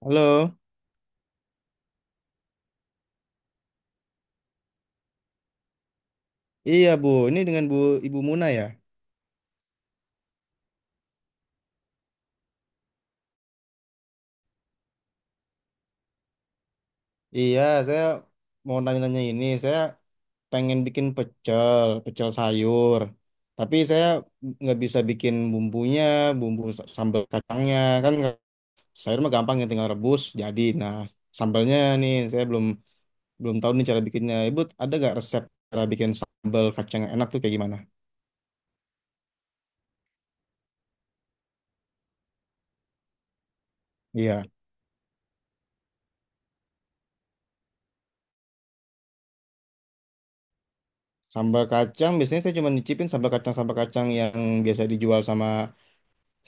Halo, iya Bu, ini dengan Ibu Muna ya? Iya, saya mau nanya-nanya ini, saya pengen bikin pecel, pecel sayur. Tapi saya nggak bisa bikin bumbunya, sambal kacangnya, kan nggak- sayur mah gampang ya tinggal rebus jadi. Nah, sambalnya nih saya belum belum tahu nih cara bikinnya. Ibu ada nggak resep cara bikin sambal kacang yang enak tuh kayak gimana? Iya. Sambal kacang biasanya saya cuma nyicipin sambal kacang yang biasa dijual sama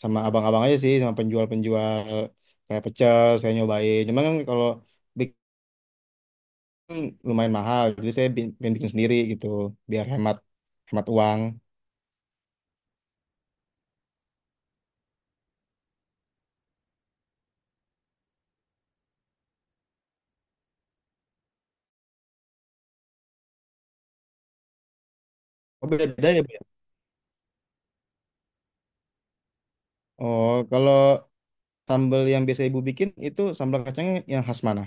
sama abang-abang aja sih, sama penjual-penjual kayak pecel saya nyobain, cuman kan kalau bikin lumayan mahal, jadi pengen bikin sendiri gitu, biar hemat hemat uang. Oh, beda ya, Bu, ya? Oh, kalau sambal yang biasa ibu bikin itu sambal kacangnya yang khas mana?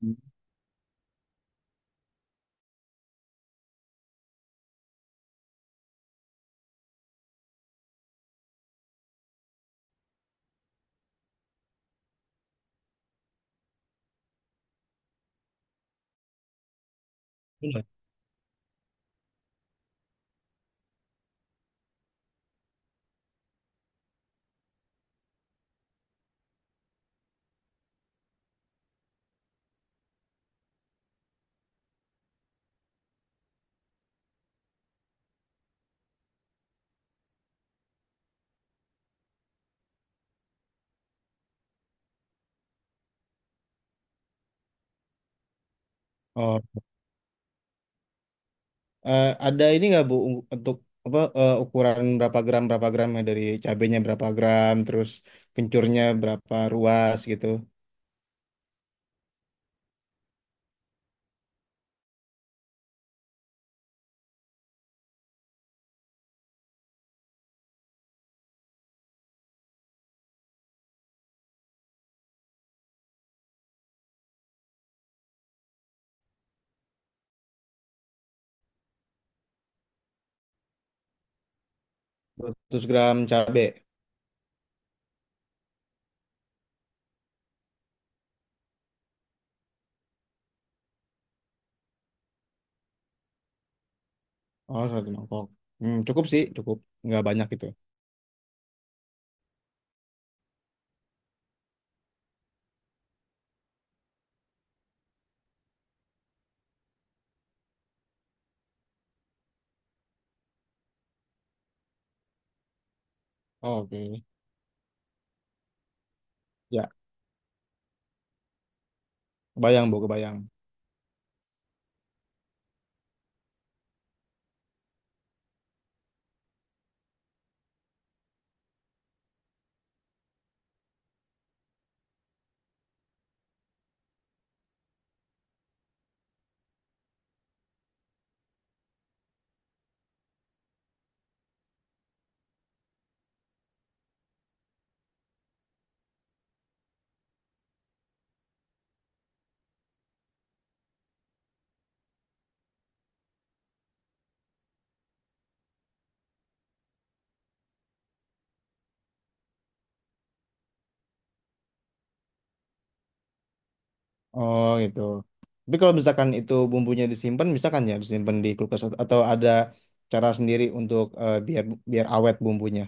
Hmm. Oh, ada ini nggak bu untuk ukuran berapa gram ya? Dari cabenya berapa gram, terus kencurnya berapa ruas gitu. 200 gram cabe? Oh, satu mangkok. Hmm, cukup sih, cukup. Nggak banyak gitu. Oh, oke. Ya, kebayang, Bu, kebayang. Oh, gitu. Tapi kalau misalkan itu bumbunya disimpan, misalkan ya disimpan di kulkas, atau ada cara sendiri untuk biar biar awet bumbunya.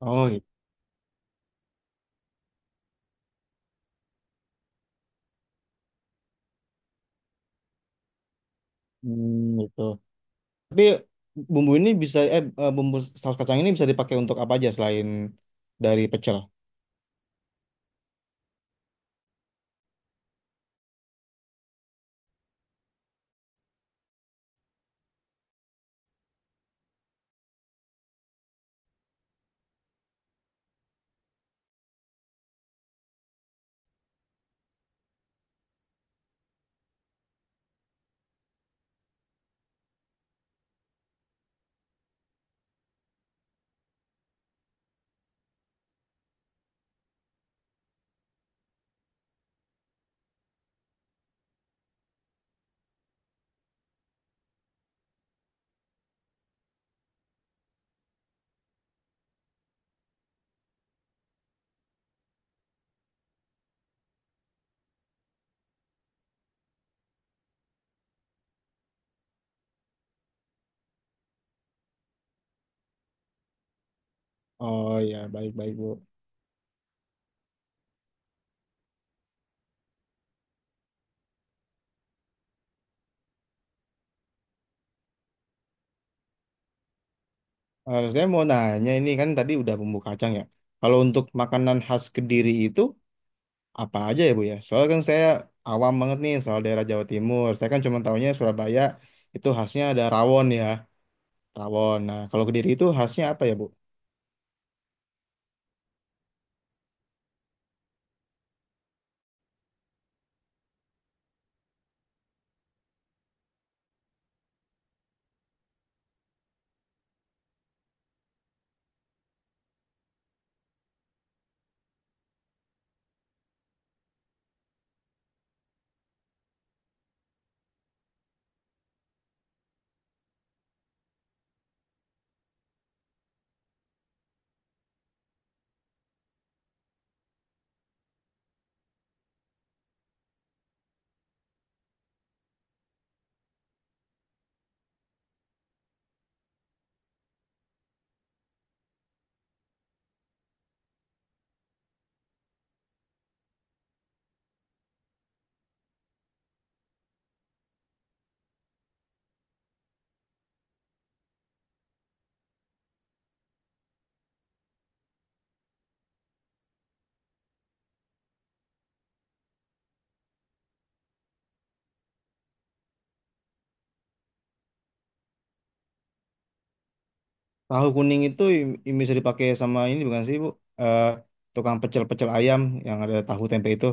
Oh, gitu. Hmm, gitu. Tapi bumbu ini bisa, bumbu saus kacang ini bisa dipakai untuk apa aja selain dari pecel? Oh ya, baik-baik, Bu. Eh, saya mau nanya ini, kan tadi udah bumbu kacang ya. Kalau untuk makanan khas Kediri itu apa aja ya Bu ya? Soalnya kan saya awam banget nih soal daerah Jawa Timur. Saya kan cuma tahunya Surabaya itu khasnya ada rawon ya, rawon. Nah, kalau Kediri itu khasnya apa ya Bu? Tahu kuning itu bisa dipakai sama ini bukan sih Bu? Eh, tukang pecel-pecel ayam yang ada tahu tempe itu.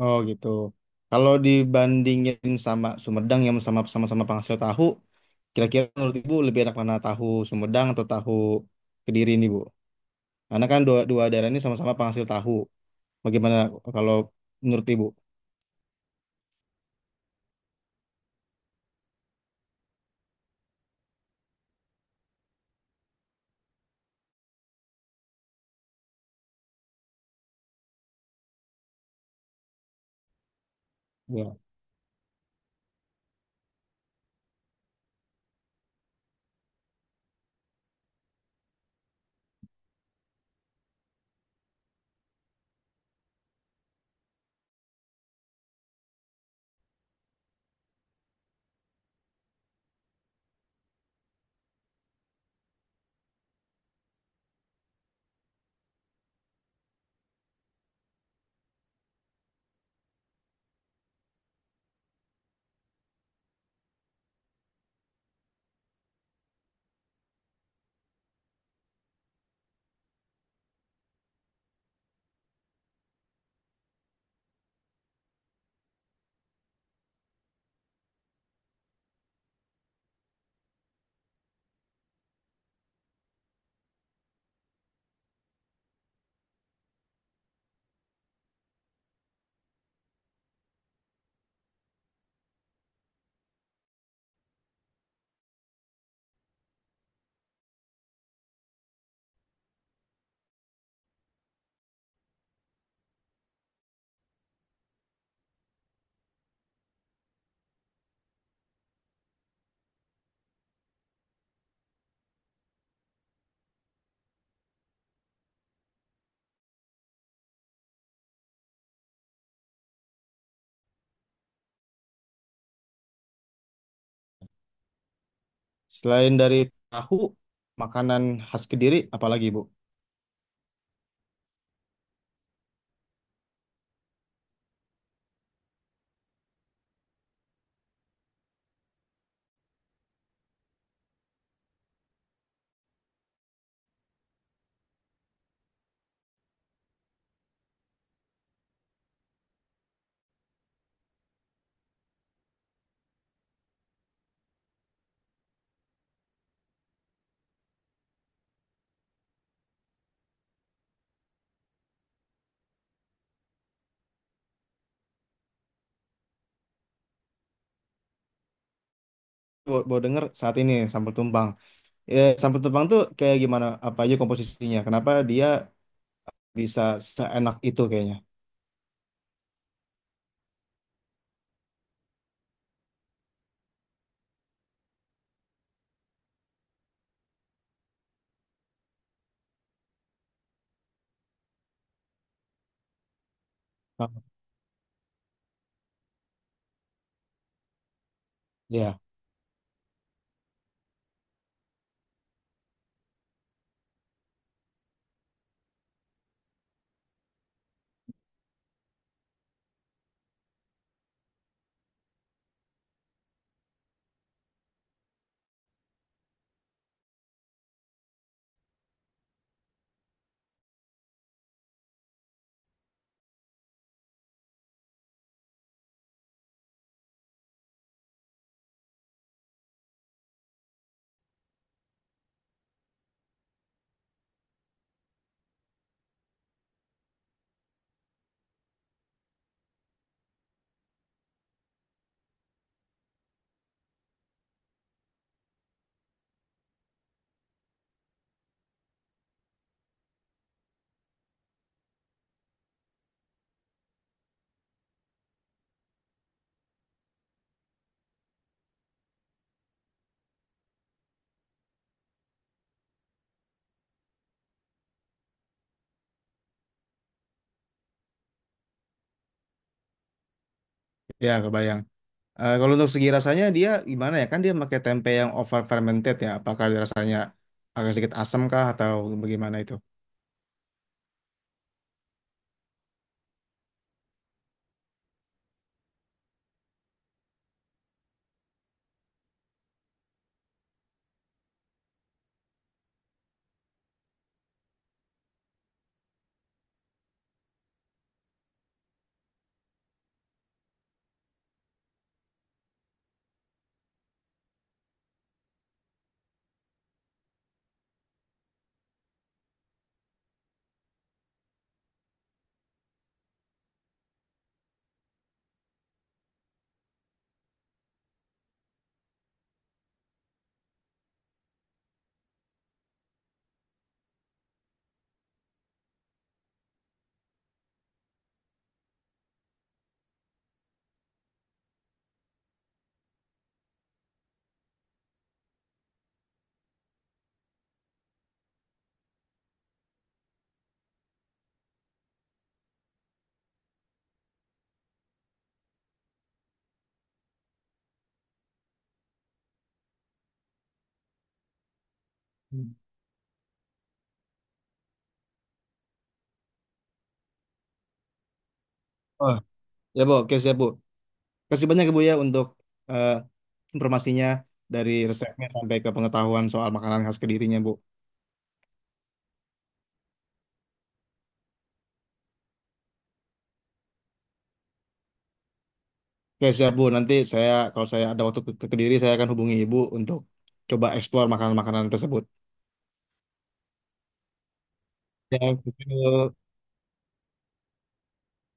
Oh gitu. Kalau dibandingin sama Sumedang yang sama-sama penghasil tahu, kira-kira menurut Ibu lebih enak mana tahu Sumedang atau tahu Kediri ini Bu? Karena kan dua daerah ini sama-sama penghasil tahu. Bagaimana kalau menurut Ibu? Ya. Selain dari tahu, makanan khas Kediri, apalagi Bu? Bawa denger saat ini sambal tumpang. Ya, sambal tumpang tuh kayak gimana? Apa aja komposisinya? Kenapa dia bisa seenak itu kayaknya? Ah. Ya, ya kebayang. Eh, kalau untuk segi rasanya dia gimana ya? Kan dia pakai tempe yang over fermented ya. Apakah dia rasanya agak sedikit asam kah atau bagaimana itu? Hmm. Oh, ya Bu, oke siap Bu. Kasih banyak ya, Bu ya untuk eh, informasinya, dari resepnya sampai ke pengetahuan soal makanan khas Kedirinya, Bu. Oke, siap, Bu. Nanti saya kalau saya ada waktu ke Kediri, saya akan hubungi Ibu untuk coba eksplor makanan-makanan tersebut. Ya, gitu.